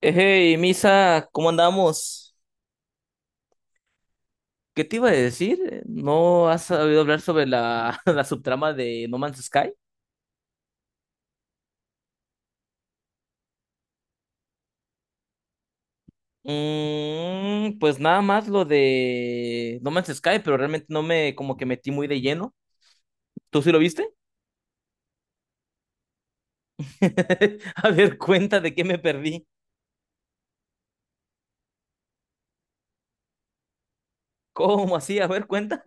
Hey, Misa, ¿cómo andamos? ¿Qué te iba a decir? ¿No has sabido hablar sobre la subtrama de No Man's Sky? Mm, pues nada más lo de No Man's Sky, pero realmente no me como que metí muy de lleno. ¿Tú sí lo viste? A ver, cuenta de qué me perdí. ¿Cómo así? A ver, cuenta.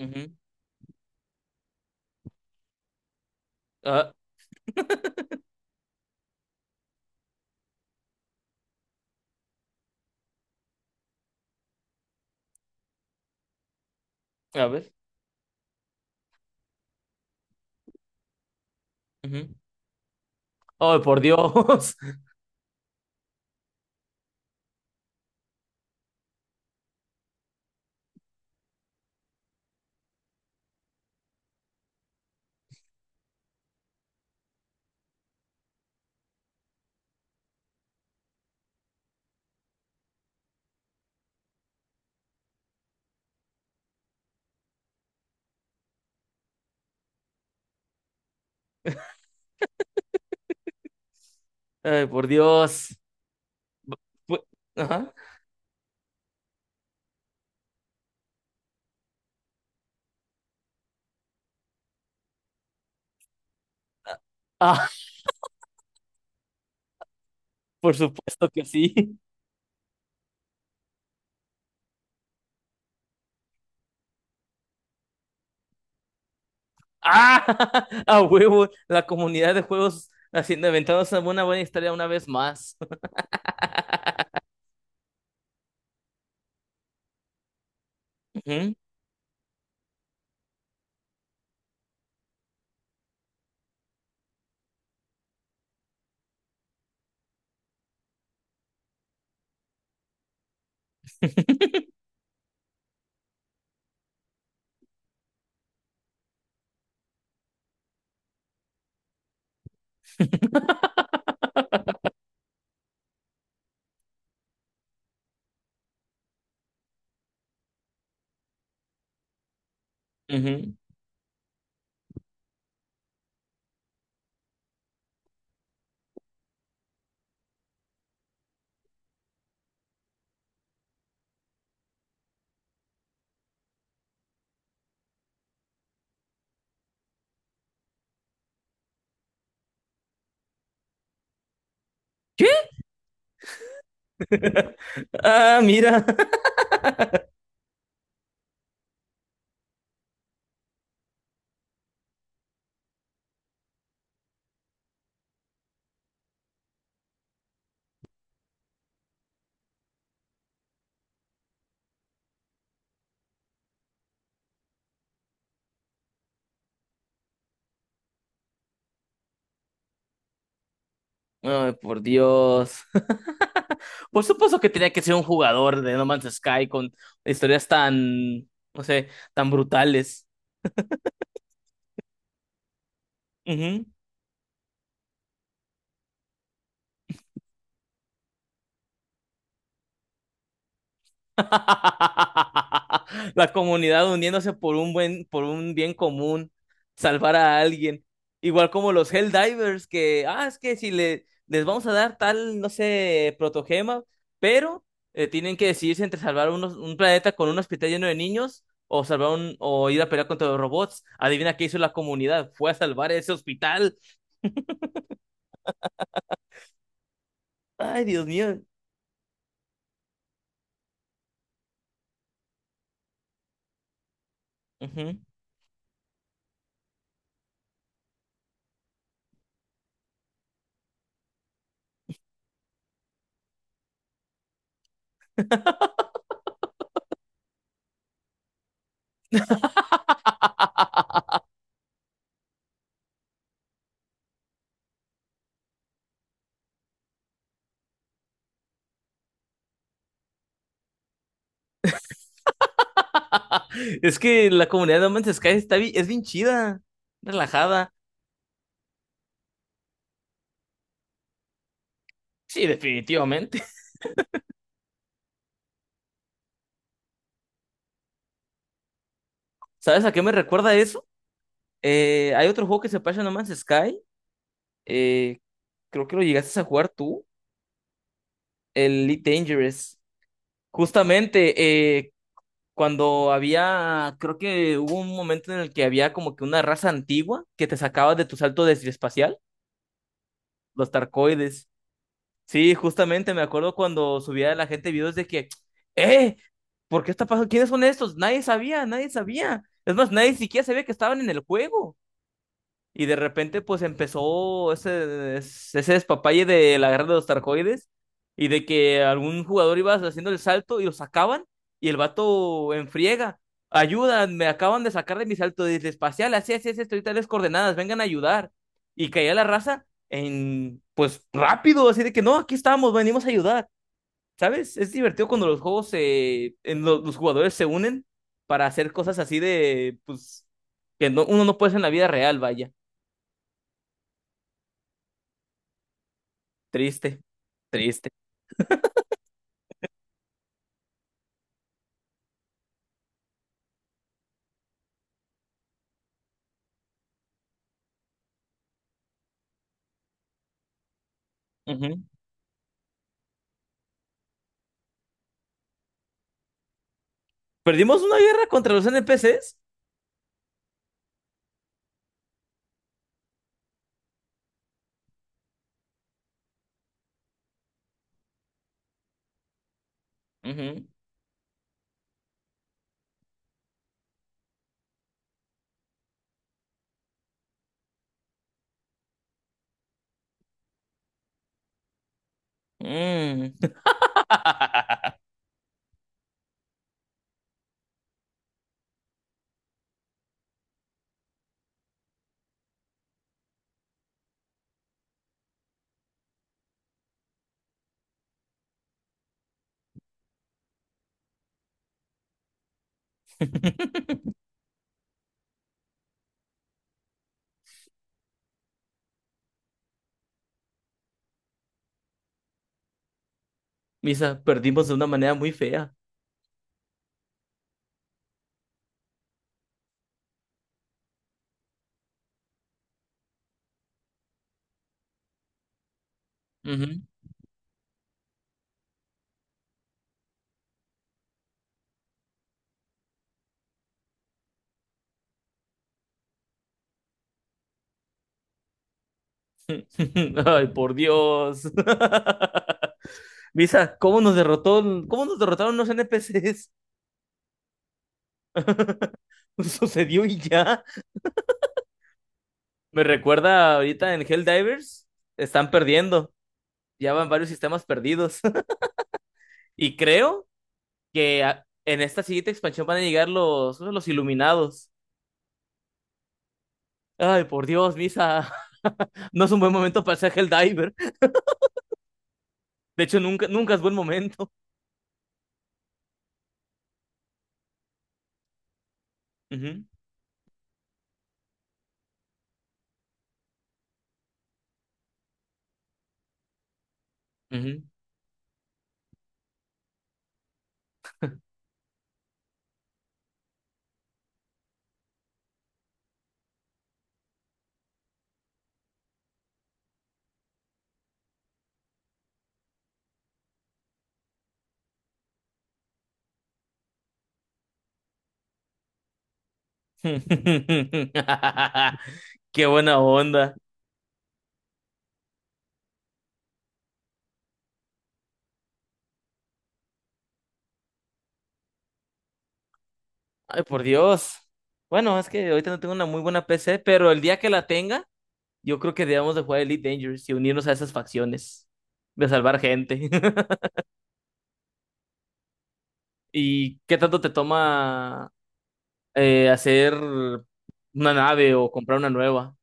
Ujú. Ah, a ver. Ujú. Ay, por Dios. Ay, por Dios. Fu- Ajá. Ah, por supuesto que sí. ¡Ah! A huevo, la comunidad de juegos haciendo inventados una buena historia una vez más. Ujú, ujú. ¿Qué? Ah, mira. Ay, por Dios. Por supuesto que tenía que ser un jugador de No Man's Sky con historias tan, no sé, tan brutales. Ujú. La comunidad uniéndose por un buen, por un bien común, salvar a alguien. Igual como los Helldivers, que, ah, es que si le, les vamos a dar tal, no sé, protogema, pero tienen que decidirse entre salvar un planeta con un hospital lleno de niños o salvar un, o ir a pelear contra los robots. Adivina qué hizo la comunidad, fue a salvar ese hospital. Ay, Dios mío. Ujú. Es que la comunidad de No Man's Sky está es bien chida, relajada. Sí, definitivamente. ¿Sabes a qué me recuerda eso? Hay otro juego que se pasa en No Man's Sky. eh, Creo que lo llegaste a jugar tú. El Elite Dangerous. Justamente eh, cuando había. Creo que hubo un momento en el que había como que una raza antigua que te sacaba de tu salto de espacial. Los tarcoides. Sí, justamente me acuerdo cuando subía la gente videos de que. ¡Eh! ¿Por qué está pasando? ¿Quiénes son estos? Nadie sabía, nadie sabía. Es más, nadie siquiera sabía que estaban en el juego. Y de repente, pues empezó ese despapalle de la guerra de los tarcoides y de que algún jugador iba haciendo el salto y lo sacaban y el vato enfriega. Ayudan, me acaban de sacar de mi salto desde espacial, así, así, así, estoy tales coordenadas, vengan a ayudar. Y caía la raza en, pues rápido, así de que no, aquí estamos, venimos a ayudar. ¿Sabes? Es divertido cuando los juegos los jugadores se unen para hacer cosas así de, pues, que no, uno no puede hacer en la vida real, vaya. Triste, triste. Ujú. ¿Perdimos una guerra contra los NPCs? Ujú, mm. Misa, perdimos de una manera muy fea. Ujú. Ay, por Dios. Misa, ¿cómo nos derrotó, cómo nos derrotaron los NPCs? Sucedió y ya. Me recuerda ahorita en Helldivers, están perdiendo. Ya van varios sistemas perdidos. Y creo que en esta siguiente expansión van a llegar los iluminados. Ay, por Dios, Misa. No es un buen momento para ser Helldiver. De hecho, nunca, nunca es buen momento. Ujú, ujú. Qué buena onda. Ay, por Dios. Bueno, es que ahorita no tengo una muy buena PC, pero el día que la tenga, yo creo que debemos de jugar Elite Dangerous y unirnos a esas facciones de salvar gente. ¿Y qué tanto te toma hacer una nave o comprar una nueva?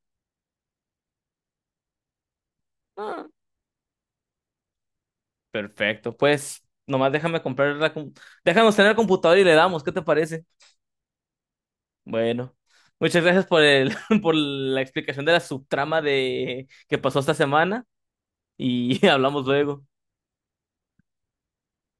Ah, perfecto, pues nomás déjame comprar déjanos tener el computador y le damos, ¿qué te parece? Bueno, muchas gracias por el por la explicación de la subtrama de que pasó esta semana y hablamos luego.